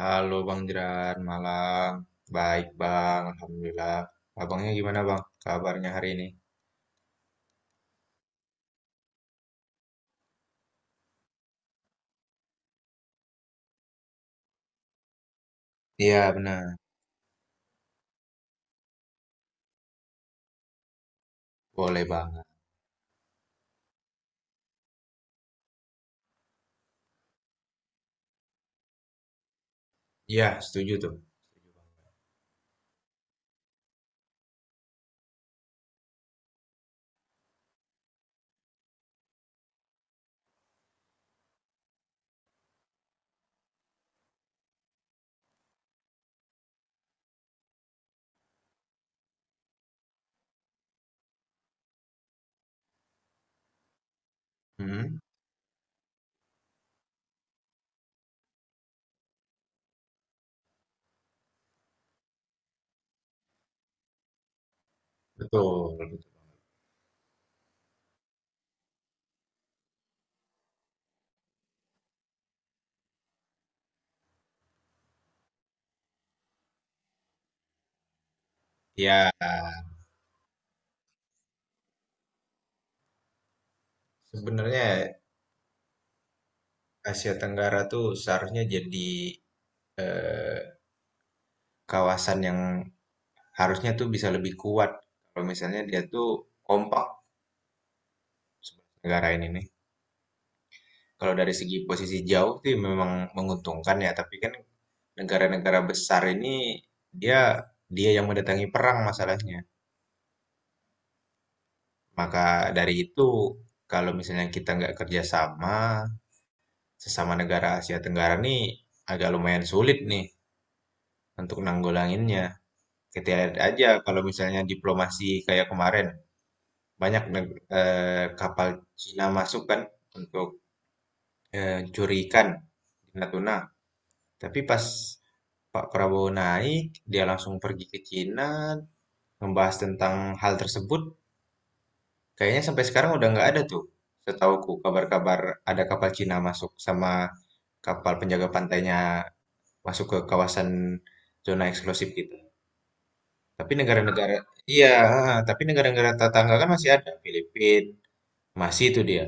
Halo Bang Jeran, malam. Baik Bang, Alhamdulillah. Abangnya gimana Bang? Kabarnya hari ini? Iya benar, boleh banget. Iya, setuju tuh. Hmm, betul. Iya, sebenarnya Asia Tenggara tuh seharusnya jadi eh, kawasan yang harusnya tuh bisa lebih kuat. Kalau misalnya dia tuh kompak negara ini nih. Kalau dari segi posisi jauh sih memang menguntungkan ya, tapi kan negara-negara besar ini dia dia yang mendatangi perang masalahnya. Maka dari itu, kalau misalnya kita nggak kerjasama sesama negara Asia Tenggara nih agak lumayan sulit nih untuk nanggulanginnya. Kita lihat aja kalau misalnya diplomasi kayak kemarin banyak kapal Cina masuk kan untuk curi ikan di Natuna. Tapi pas Pak Prabowo naik, dia langsung pergi ke Cina, membahas tentang hal tersebut. Kayaknya sampai sekarang udah nggak ada tuh. Setauku kabar-kabar ada kapal Cina masuk sama kapal penjaga pantainya masuk ke kawasan zona eksklusif gitu. Tapi negara-negara, iya, tapi negara-negara tetangga kan masih ada. Filipina, masih itu dia.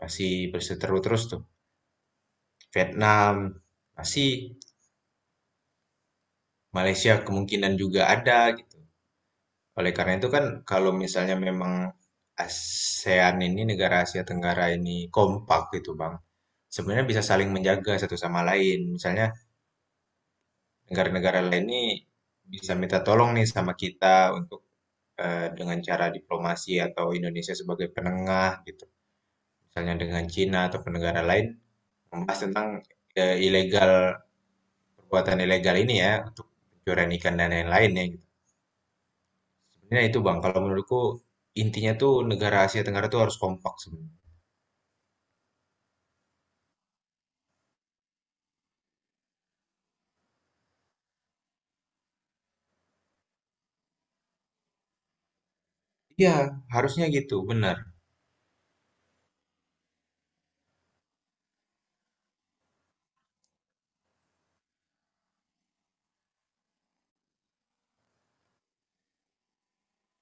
Masih berseteru terus tuh. Vietnam, masih. Malaysia kemungkinan juga ada gitu. Oleh karena itu kan kalau misalnya memang ASEAN ini negara Asia Tenggara ini kompak gitu Bang. Sebenarnya bisa saling menjaga satu sama lain. Misalnya negara-negara lain ini bisa minta tolong nih sama kita untuk dengan cara diplomasi atau Indonesia sebagai penengah gitu. Misalnya dengan Cina atau negara lain membahas tentang ilegal perbuatan ilegal ini ya untuk pencurian ikan dan lain-lain ya gitu. Sebenarnya itu Bang kalau menurutku intinya tuh negara Asia Tenggara tuh harus kompak sebenarnya. Iya, harusnya gitu, benar.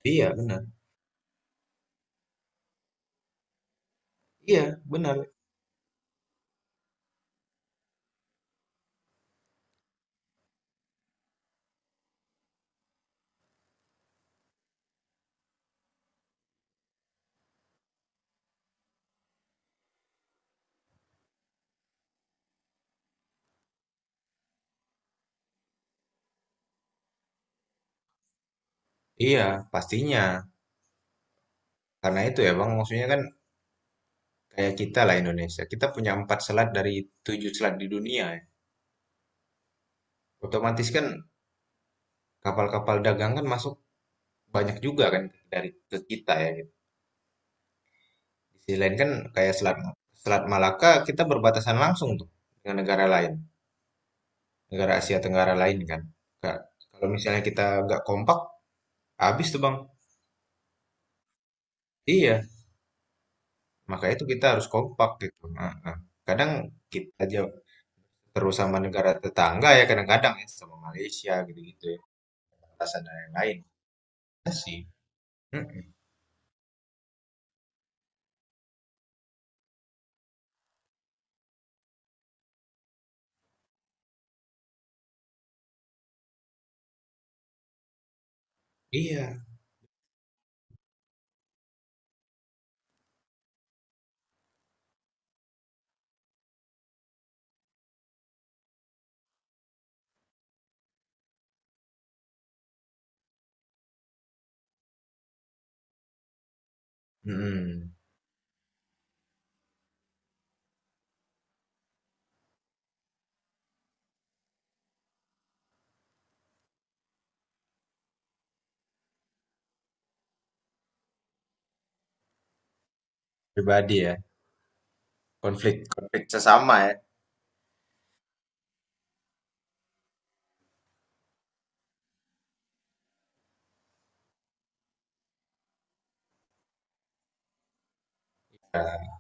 Iya, benar. Iya, benar. Iya, pastinya. Karena itu ya, Bang, maksudnya kan kayak kita lah Indonesia. Kita punya empat selat dari tujuh selat di dunia ya. Otomatis kan kapal-kapal dagang kan masuk banyak juga kan dari ke kita ya. Gitu. Di sisi lain kan kayak selat Selat Malaka kita berbatasan langsung tuh dengan negara lain, negara Asia Tenggara lain kan. Ka- Kalau misalnya kita nggak kompak, habis tuh, Bang. Iya, maka itu kita harus kompak gitu. Heeh. Kadang kita aja terus sama negara tetangga ya kadang-kadang ya sama Malaysia gitu-gitu ya. Alasan dan lain-lain. Iya sih. Mm-mm. Iya. Mm-mm. Pribadi ya. Konflik konflik sesama ya. Nah,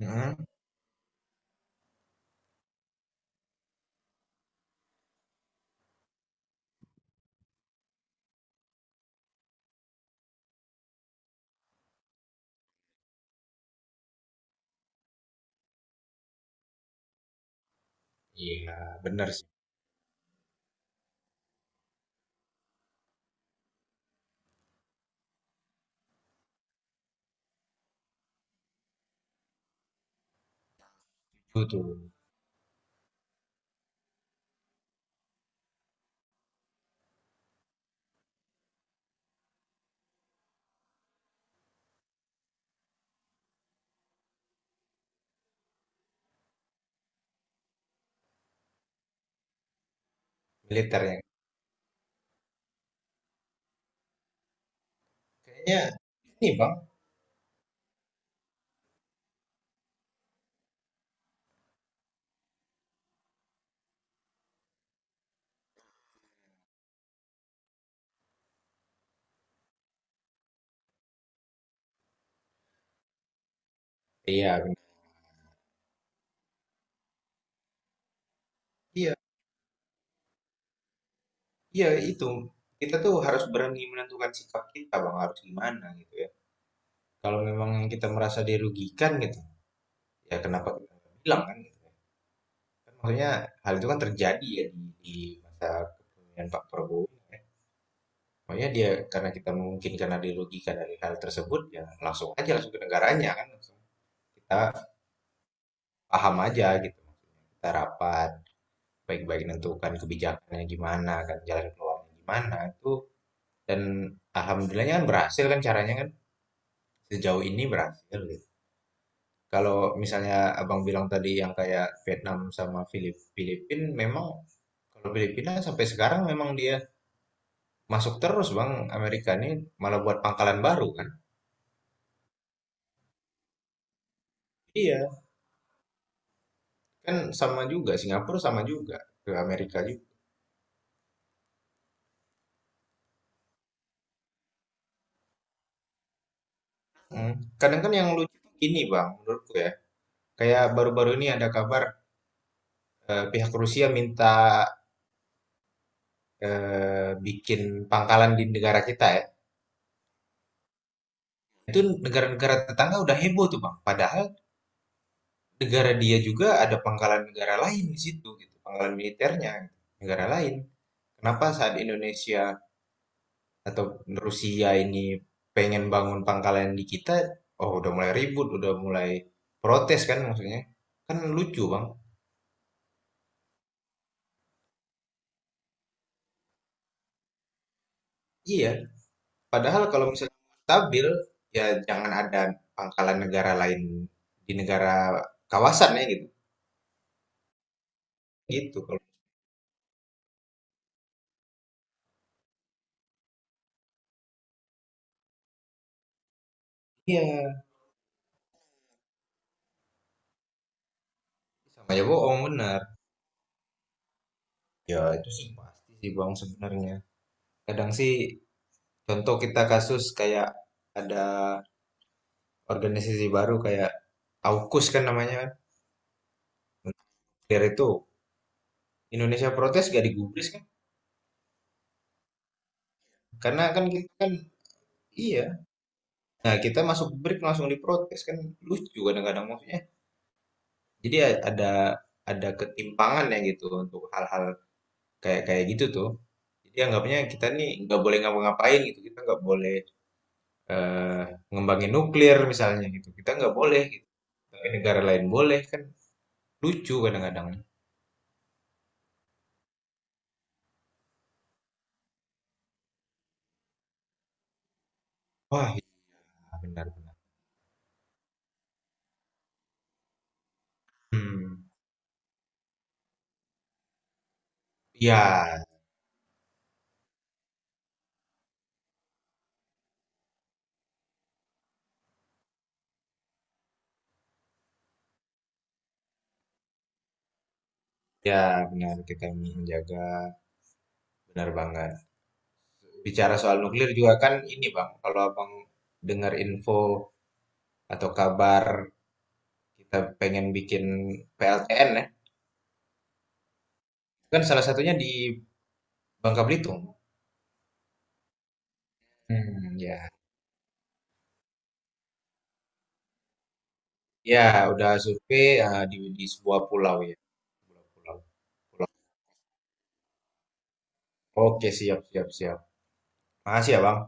mm-mm. Iya, benar sih. Itu tuh militer yang kayaknya ini Bang. Iya, benar. Iya, iya itu. Kita tuh harus berani menentukan sikap kita Bang harus gimana gitu ya. Kalau memang yang kita merasa dirugikan gitu, ya kenapa kita nggak bilang kan gitu ya. Kan maksudnya hal itu kan terjadi ya di masa kepemimpinan Pak Prabowo ya. Makanya dia karena kita mungkin karena dilogika dari hal tersebut ya langsung aja langsung ke negaranya kan langsung kita paham aja gitu. Kita rapat baik-baik menentukan kebijakannya gimana kan jalan keluarnya gimana itu dan alhamdulillahnya kan berhasil kan caranya kan sejauh ini berhasil gitu. Kalau misalnya abang bilang tadi yang kayak Vietnam sama Filipin memang. Kalau Filipina sampai sekarang memang dia masuk terus Bang. Amerika ini malah buat pangkalan baru kan. Iya, kan sama juga Singapura sama juga ke Amerika juga. Hmm. Kadang kan yang lucu ini Bang menurutku ya. Kayak baru-baru ini ada kabar pihak Rusia minta bikin pangkalan di negara kita ya. Itu negara-negara tetangga udah heboh tuh Bang. Padahal negara dia juga ada pangkalan negara lain di situ gitu, pangkalan militernya gitu, negara lain. Kenapa saat Indonesia atau Rusia ini pengen bangun pangkalan di kita, oh udah mulai ribut, udah mulai protes kan maksudnya. Kan lucu bang. Iya, padahal kalau misalnya mau stabil, ya jangan ada pangkalan negara lain di negara kawasannya gitu. Gitu kalau iya sama aja bohong bener. Ya itu sih pasti sih bang sebenarnya. Kadang sih contoh kita kasus kayak ada organisasi baru kayak AUKUS kan namanya. Dari itu Indonesia protes gak digubris kan? Karena kan kita kan iya. Nah, kita masuk break langsung diprotes kan lucu kadang-kadang maksudnya. Jadi ya ada ketimpangan ya gitu untuk hal-hal kayak kayak gitu tuh. Jadi anggapnya kita nih nggak boleh ngapa-ngapain gitu. Kita nggak boleh eh, ngembangin nuklir misalnya gitu. Kita nggak boleh gitu. Tapi negara lain boleh kan lucu kadang-kadang. Wah, iya, benar-benar. Hmm. Ya, ya benar kita menjaga benar banget. Bicara soal nuklir juga kan ini Bang, kalau Abang dengar info atau kabar kita pengen bikin PLTN ya, kan salah satunya di Bangka Belitung. Hmm, ya. Ya, udah survei di sebuah pulau ya. Pulau, pulau, pulau. Oke, siap, siap, siap. Makasih ya Bang.